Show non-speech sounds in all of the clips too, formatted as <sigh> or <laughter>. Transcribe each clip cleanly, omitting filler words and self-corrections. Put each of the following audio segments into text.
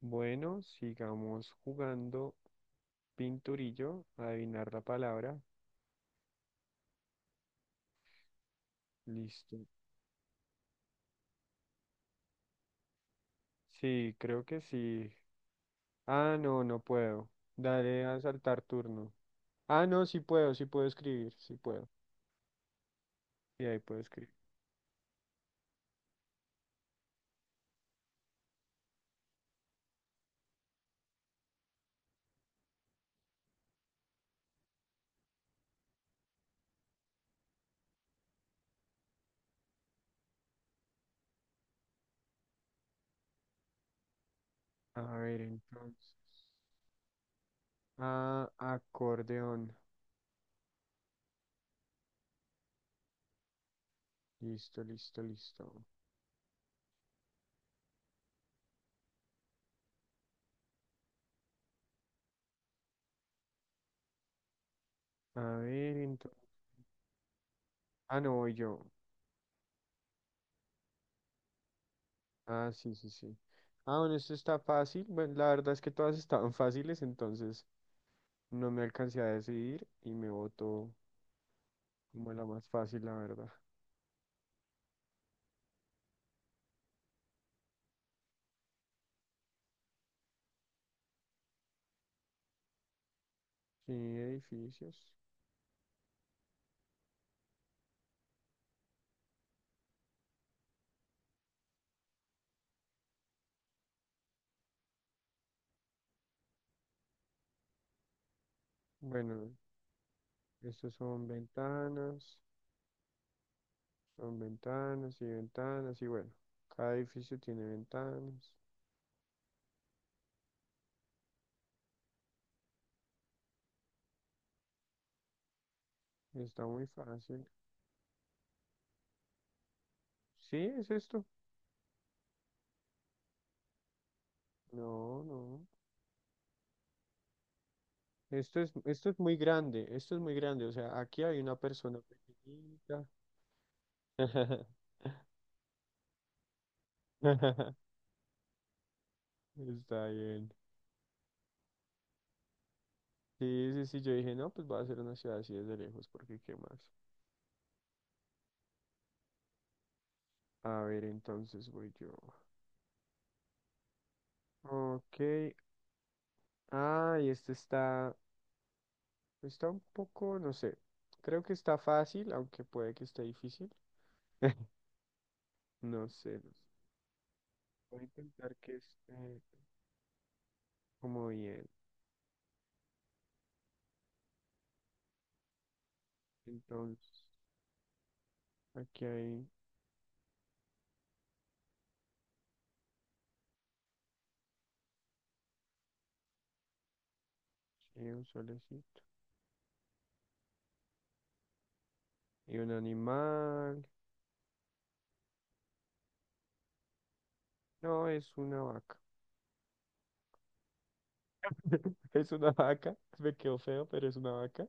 Bueno, sigamos jugando pinturillo, adivinar la palabra. Listo. Sí, creo que sí. Ah, no, no puedo. Dale a saltar turno. Ah, no, sí puedo escribir, sí puedo. Y ahí puedo escribir. A ver, entonces. Ah, acordeón. Listo, listo, listo. A ver, entonces. Ah, no, voy yo. Ah, sí, sí, sí. Ah, bueno, esto está fácil. Bueno, la verdad es que todas <laughs> estaban fáciles, entonces no me alcancé a decidir y me votó como la más fácil, la verdad. Sí, edificios. Bueno, estos son ventanas y ventanas y bueno, cada edificio tiene ventanas. Está muy fácil. Sí, es esto. No, no. Esto es muy grande, esto es muy grande. O sea, aquí hay una persona pequeñita. <laughs> <laughs> Está bien. Sí, sí, sí, yo dije, no, pues va a ser una ciudad así desde lejos, porque qué más. A ver, entonces voy yo. Ok. Ah, y este está, Está un poco, no sé. Creo que está fácil, aunque puede que esté difícil. <laughs> No sé, no sé. Voy a intentar que esté como bien. Entonces, aquí hay un solecito y un animal. No, es una vaca. <laughs> Es una vaca. <laughs> Me quedó feo, pero es una vaca.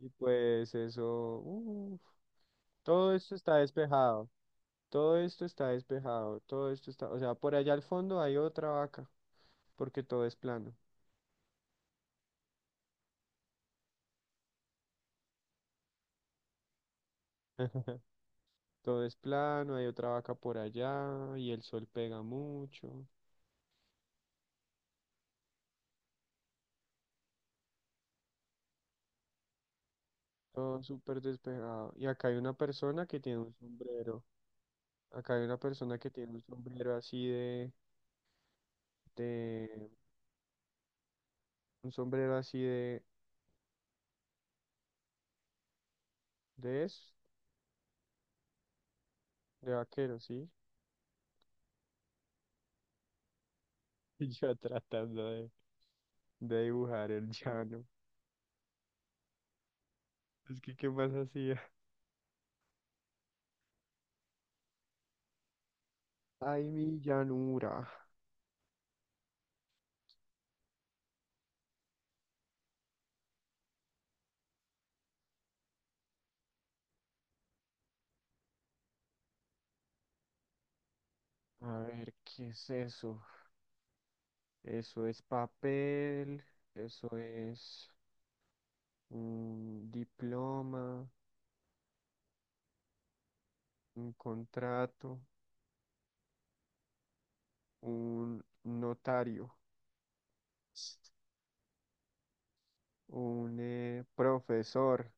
Y pues eso, uf, todo esto está despejado. Todo esto está despejado, todo esto está, o sea, por allá al fondo hay otra vaca, porque todo es plano. <laughs> Todo es plano, hay otra vaca por allá y el sol pega mucho, todo súper despejado. Y acá hay una persona que tiene un sombrero, acá hay una persona que tiene un sombrero así de, un sombrero así de eso, de vaquero, ¿sí? <laughs> Y yo tratando de dibujar el llano. Es que, ¿qué más hacía? Ay, mi llanura. A ver, ¿qué es eso? Eso es papel, eso es un diploma, un contrato, un notario, un profesor,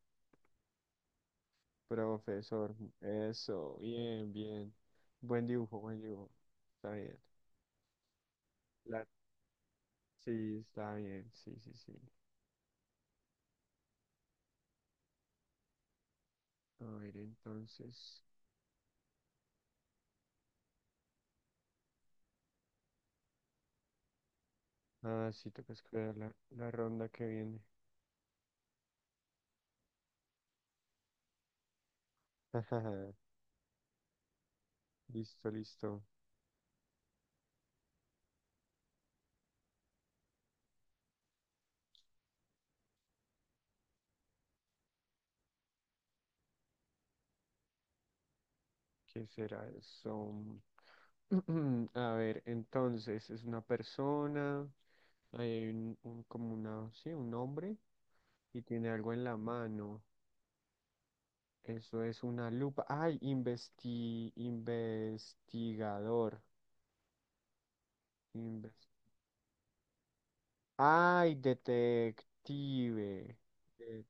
profesor. Eso, bien, bien. Buen dibujo, buen dibujo. Está bien. La- Sí, está bien, sí, sí, sí. A ver, entonces. Ah, sí, toca esperar la ronda que viene. <laughs> Listo, listo. ¿Qué será eso? <clears throat> A ver, entonces es una persona, ahí hay como una, sí, un hombre y tiene algo en la mano. Eso es una lupa. Ay, investigador. Inves- Ay, detective. Eh,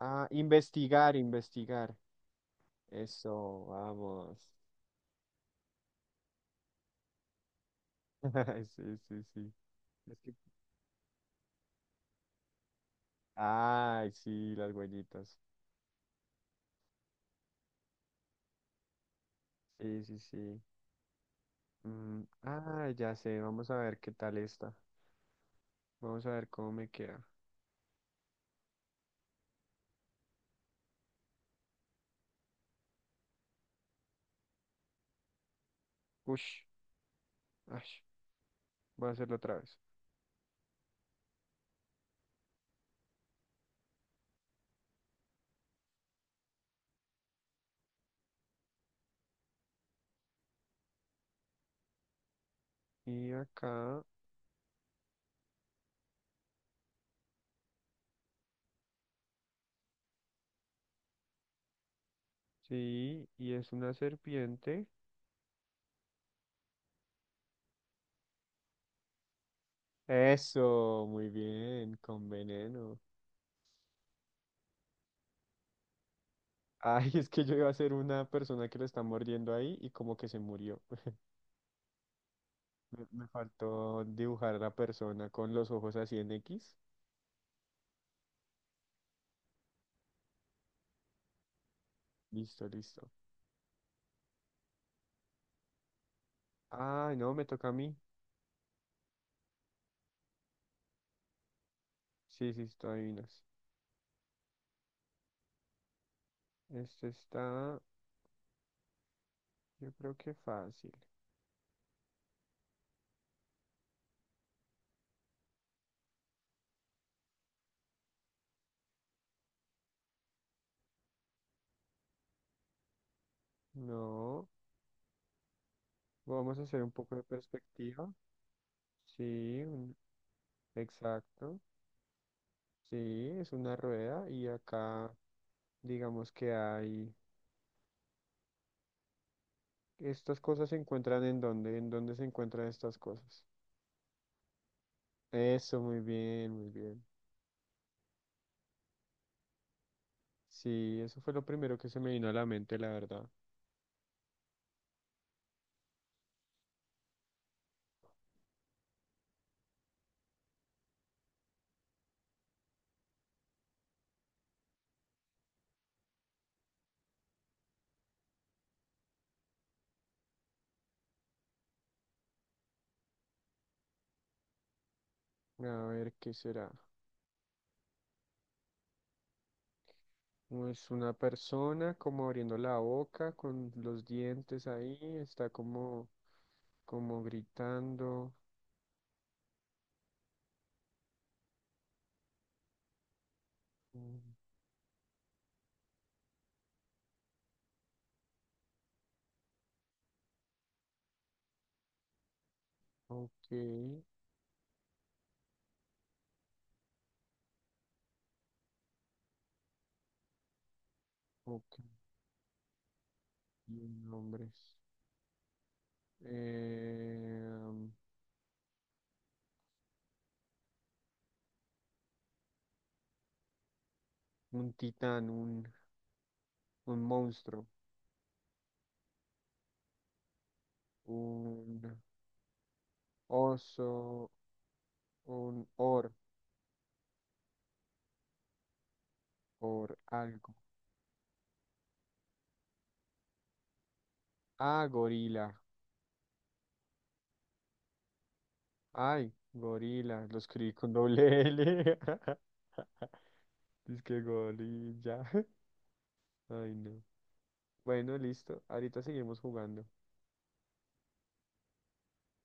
investigar, investigar. Eso, vamos. <laughs> Sí, sí, sí. Es que- Ay, sí, las huellitas. Sí, sí, sí. Mm, ah, ya sé, vamos a ver qué tal está. Vamos a ver cómo me queda. Ush, ash, voy a hacerlo otra vez. Y acá, sí, y es una serpiente. Eso, muy bien, con veneno. <laughs> Ay, es que yo iba a ser una persona que lo está mordiendo ahí y como que se murió. <laughs> Me faltó dibujar a la persona con los ojos así en X. Listo, listo. Ay, no, me toca a mí. Sí, sí, tú adivinas. Este está, yo creo que fácil. No, vamos a hacer un poco de perspectiva. Sí, un- exacto. Sí, es una rueda y acá digamos que hay... Estas cosas se encuentran en dónde se encuentran estas cosas. Eso, muy bien, muy bien. Sí, eso fue lo primero que se me vino a la mente, la verdad. A ver, ¿qué será? Es una persona como abriendo la boca con los dientes ahí, está como, como gritando. Mm, ok, ok. Nombres. Eh, un titán, un monstruo, un oso, un or, or algo. Ah, gorila. Ay, gorila. Lo escribí con doble L. <laughs> Es que gorilla. <laughs> Ay, no. Bueno, listo. Ahorita seguimos jugando.